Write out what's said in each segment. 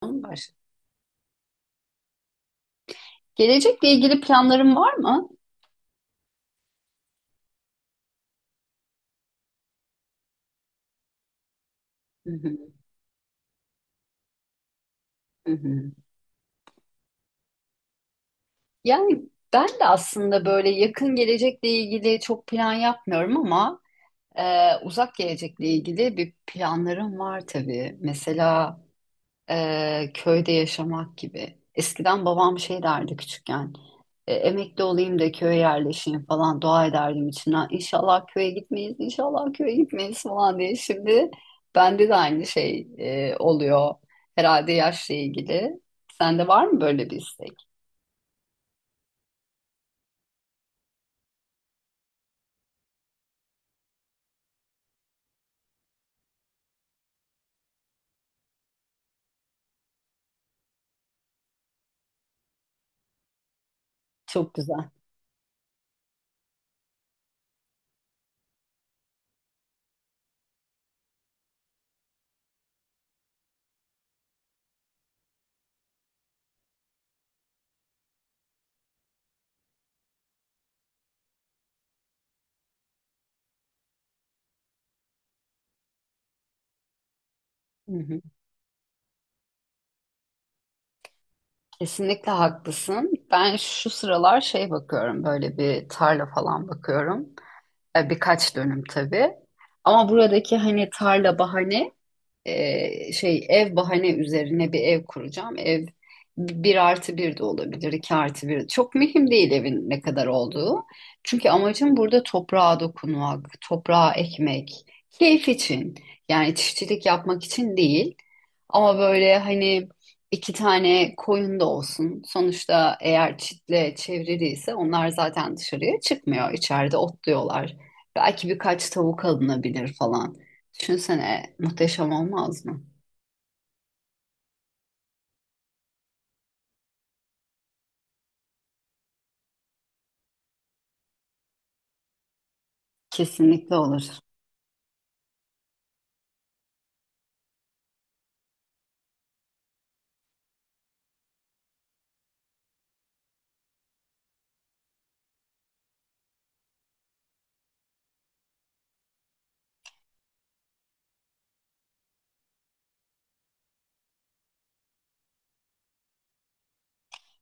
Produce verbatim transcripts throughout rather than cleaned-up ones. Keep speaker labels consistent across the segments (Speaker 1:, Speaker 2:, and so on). Speaker 1: Tamam, başla. Gelecekle ilgili planların var mı? Hı hı, hı hı. Yani Ben de aslında böyle yakın gelecekle ilgili çok plan yapmıyorum ama e, uzak gelecekle ilgili bir planlarım var tabii. Mesela e, köyde yaşamak gibi. Eskiden babam şey derdi küçükken, e, emekli olayım da köye yerleşeyim falan dua ederdim içimden. İnşallah köye gitmeyiz, inşallah köye gitmeyiz falan diye. Şimdi bende de aynı şey e, oluyor herhalde yaşla ilgili. Sende var mı böyle bir istek? Çok güzel. Hı hı. Kesinlikle haklısın. Ben şu sıralar şey bakıyorum, böyle bir tarla falan bakıyorum. E, Birkaç dönüm tabii. Ama buradaki hani tarla bahane e, şey ev bahane üzerine bir ev kuracağım. Ev bir artı bir de olabilir, iki artı bir. Çok mühim değil evin ne kadar olduğu. Çünkü amacım burada toprağa dokunmak, toprağa ekmek, keyif için. Yani çiftçilik yapmak için değil. Ama böyle hani iki tane koyun da olsun. Sonuçta eğer çitle çevriliyse onlar zaten dışarıya çıkmıyor. İçeride otluyorlar. Belki birkaç tavuk alınabilir falan. Düşünsene muhteşem olmaz mı? Kesinlikle olur.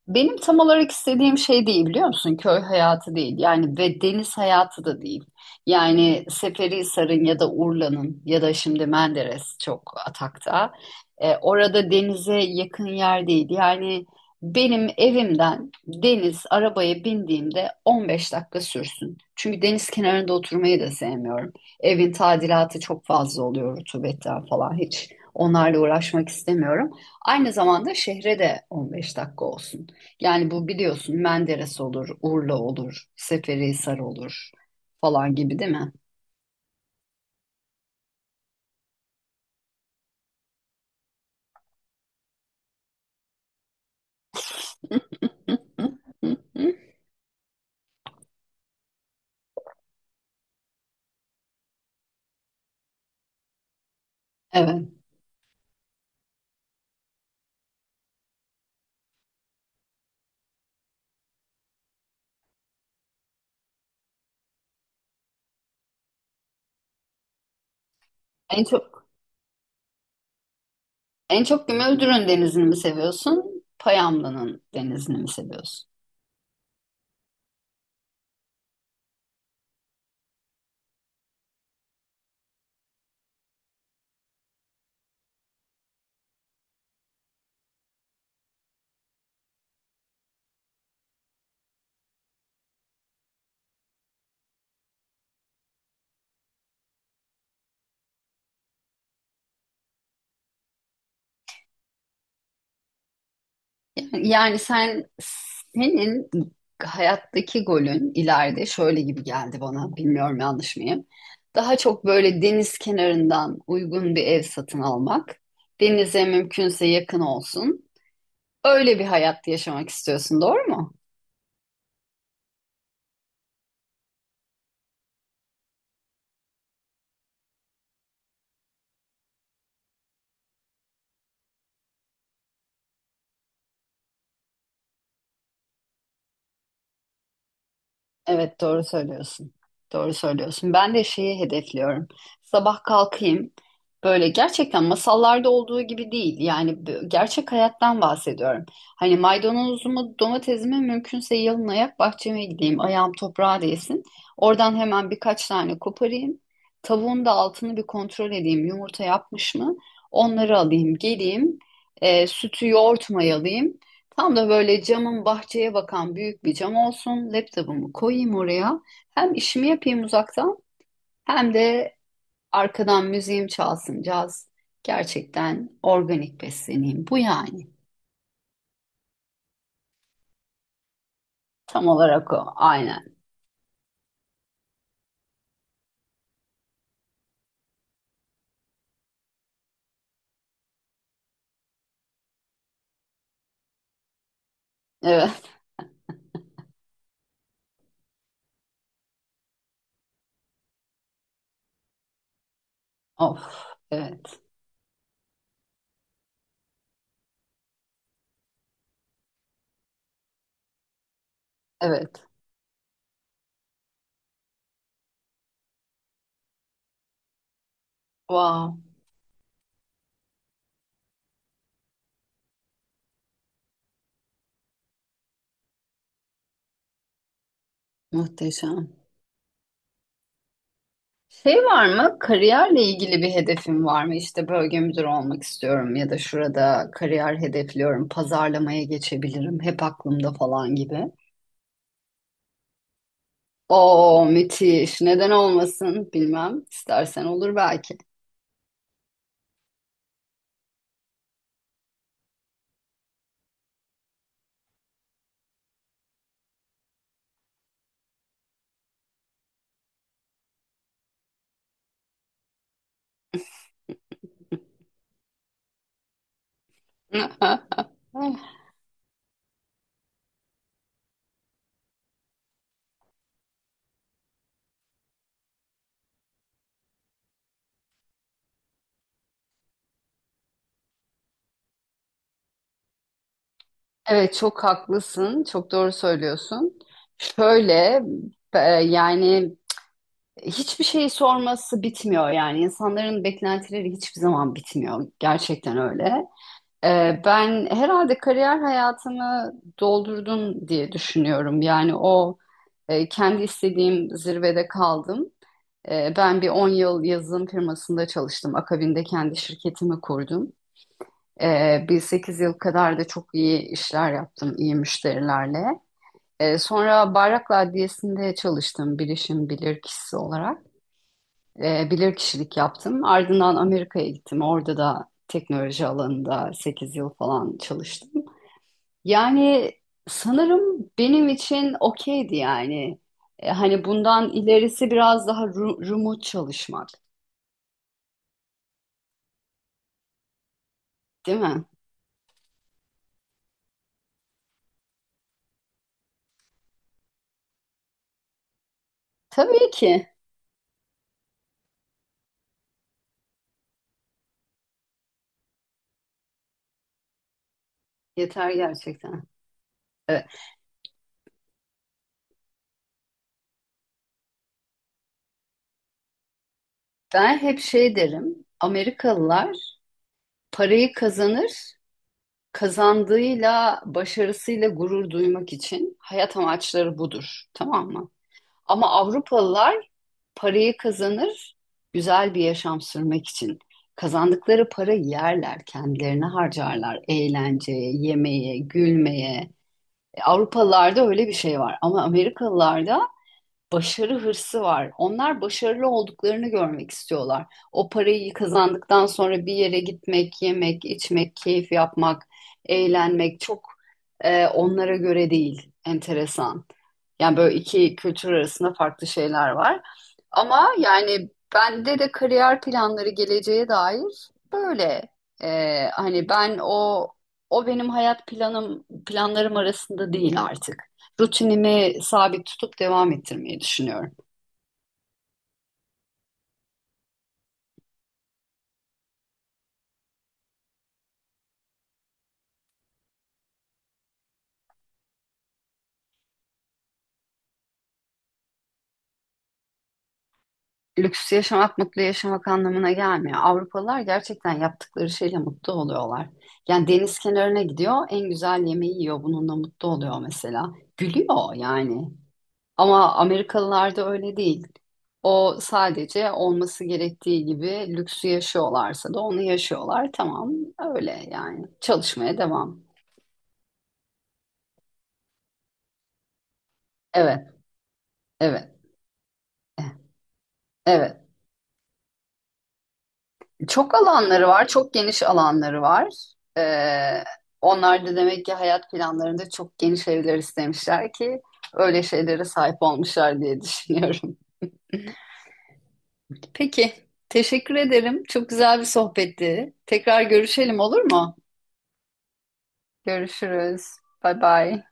Speaker 1: Benim tam olarak istediğim şey değil biliyor musun? Köy hayatı değil yani ve deniz hayatı da değil. Yani Seferihisar'ın ya da Urla'nın ya da şimdi Menderes çok atakta. E, orada denize yakın yer değil. Yani benim evimden deniz arabaya bindiğimde on beş dakika sürsün. Çünkü deniz kenarında oturmayı da sevmiyorum. Evin tadilatı çok fazla oluyor rutubetten falan hiç. Onlarla uğraşmak istemiyorum. Aynı zamanda şehre de on beş dakika olsun. Yani bu biliyorsun Menderes olur, Urla olur, Seferihisar olur falan gibi değil mi? Hı, hı, hı. Evet. En çok en çok Gümüldür'ün denizini mi seviyorsun? Payamlı'nın denizini mi seviyorsun? Yani, yani sen senin hayattaki golün ileride şöyle gibi geldi bana. Bilmiyorum yanlış mıyım? Daha çok böyle deniz kenarından uygun bir ev satın almak. Denize mümkünse yakın olsun. Öyle bir hayat yaşamak istiyorsun, doğru mu? Evet doğru söylüyorsun. Doğru söylüyorsun. Ben de şeyi hedefliyorum. Sabah kalkayım. Böyle gerçekten masallarda olduğu gibi değil. Yani b- gerçek hayattan bahsediyorum. Hani maydanozumu, domatesimi mümkünse yalın ayak bahçeme gideyim. Ayağım toprağa değsin. Oradan hemen birkaç tane koparayım. Tavuğun da altını bir kontrol edeyim. Yumurta yapmış mı? Onları alayım, geleyim. E, sütü, yoğurt mayalayayım. Tam da böyle camın bahçeye bakan büyük bir cam olsun. Laptopumu koyayım oraya. Hem işimi yapayım uzaktan hem de arkadan müziğim çalsın caz. Gerçekten organik besleneyim. Bu yani. Tam olarak o. Aynen. Evet. Of. Evet. Evet. Wow. Muhteşem. Şey var mı? Kariyerle ilgili bir hedefin var mı? İşte bölge müdürü olmak istiyorum ya da şurada kariyer hedefliyorum, pazarlamaya geçebilirim, hep aklımda falan gibi. Oo müthiş. Neden olmasın bilmem. İstersen olur belki. Evet çok haklısın. Çok doğru söylüyorsun. Şöyle e, yani hiçbir şeyi sorması bitmiyor yani. İnsanların beklentileri hiçbir zaman bitmiyor. Gerçekten öyle. E, ben herhalde kariyer hayatımı doldurdum diye düşünüyorum. Yani o e, kendi istediğim zirvede kaldım. Ee, ben bir on yıl yazılım firmasında çalıştım. Akabinde kendi şirketimi kurdum. Ee, bir sekiz yıl kadar da çok iyi işler yaptım, iyi müşterilerle. Ee, sonra Bayraklı Adliyesi'nde çalıştım bilişim bilirkişisi olarak. Ee, bilirkişilik yaptım. Ardından Amerika'ya gittim. Orada da teknoloji alanında sekiz yıl falan çalıştım. Yani sanırım benim için okeydi yani. Ee, hani bundan ilerisi biraz daha ru- remote çalışmak, değil mi? Tabii ki yeter gerçekten. Evet. Ben hep şey derim. Amerikalılar parayı kazanır, kazandığıyla, başarısıyla gurur duymak için hayat amaçları budur, tamam mı? Ama Avrupalılar parayı kazanır, güzel bir yaşam sürmek için. Kazandıkları para yerler, kendilerine harcarlar, eğlenceye, yemeğe, gülmeye. E, Avrupalılarda öyle bir şey var ama Amerikalılarda başarı hırsı var. Onlar başarılı olduklarını görmek istiyorlar. O parayı kazandıktan sonra bir yere gitmek, yemek, içmek, keyif yapmak, eğlenmek çok e, onlara göre değil. Enteresan. Yani böyle iki kültür arasında farklı şeyler var. Ama yani bende de kariyer planları geleceğe dair böyle. E, hani ben o o benim hayat planım planlarım arasında değil artık rutinimi sabit tutup devam ettirmeyi düşünüyorum. Lüks yaşamak mutlu yaşamak anlamına gelmiyor. Avrupalılar gerçekten yaptıkları şeyle mutlu oluyorlar. Yani deniz kenarına gidiyor, en güzel yemeği yiyor, bununla mutlu oluyor mesela. Gülüyor yani. Ama Amerikalılarda öyle değil. O sadece olması gerektiği gibi lüksü yaşıyorlarsa da onu yaşıyorlar. Tamam, öyle yani. Çalışmaya devam. Evet, evet, evet. Çok alanları var, çok geniş alanları var. Ee, Onlar da demek ki hayat planlarında çok geniş evler istemişler ki öyle şeylere sahip olmuşlar diye düşünüyorum. Peki, teşekkür ederim. Çok güzel bir sohbetti. Tekrar görüşelim olur mu? Görüşürüz. Bay bay.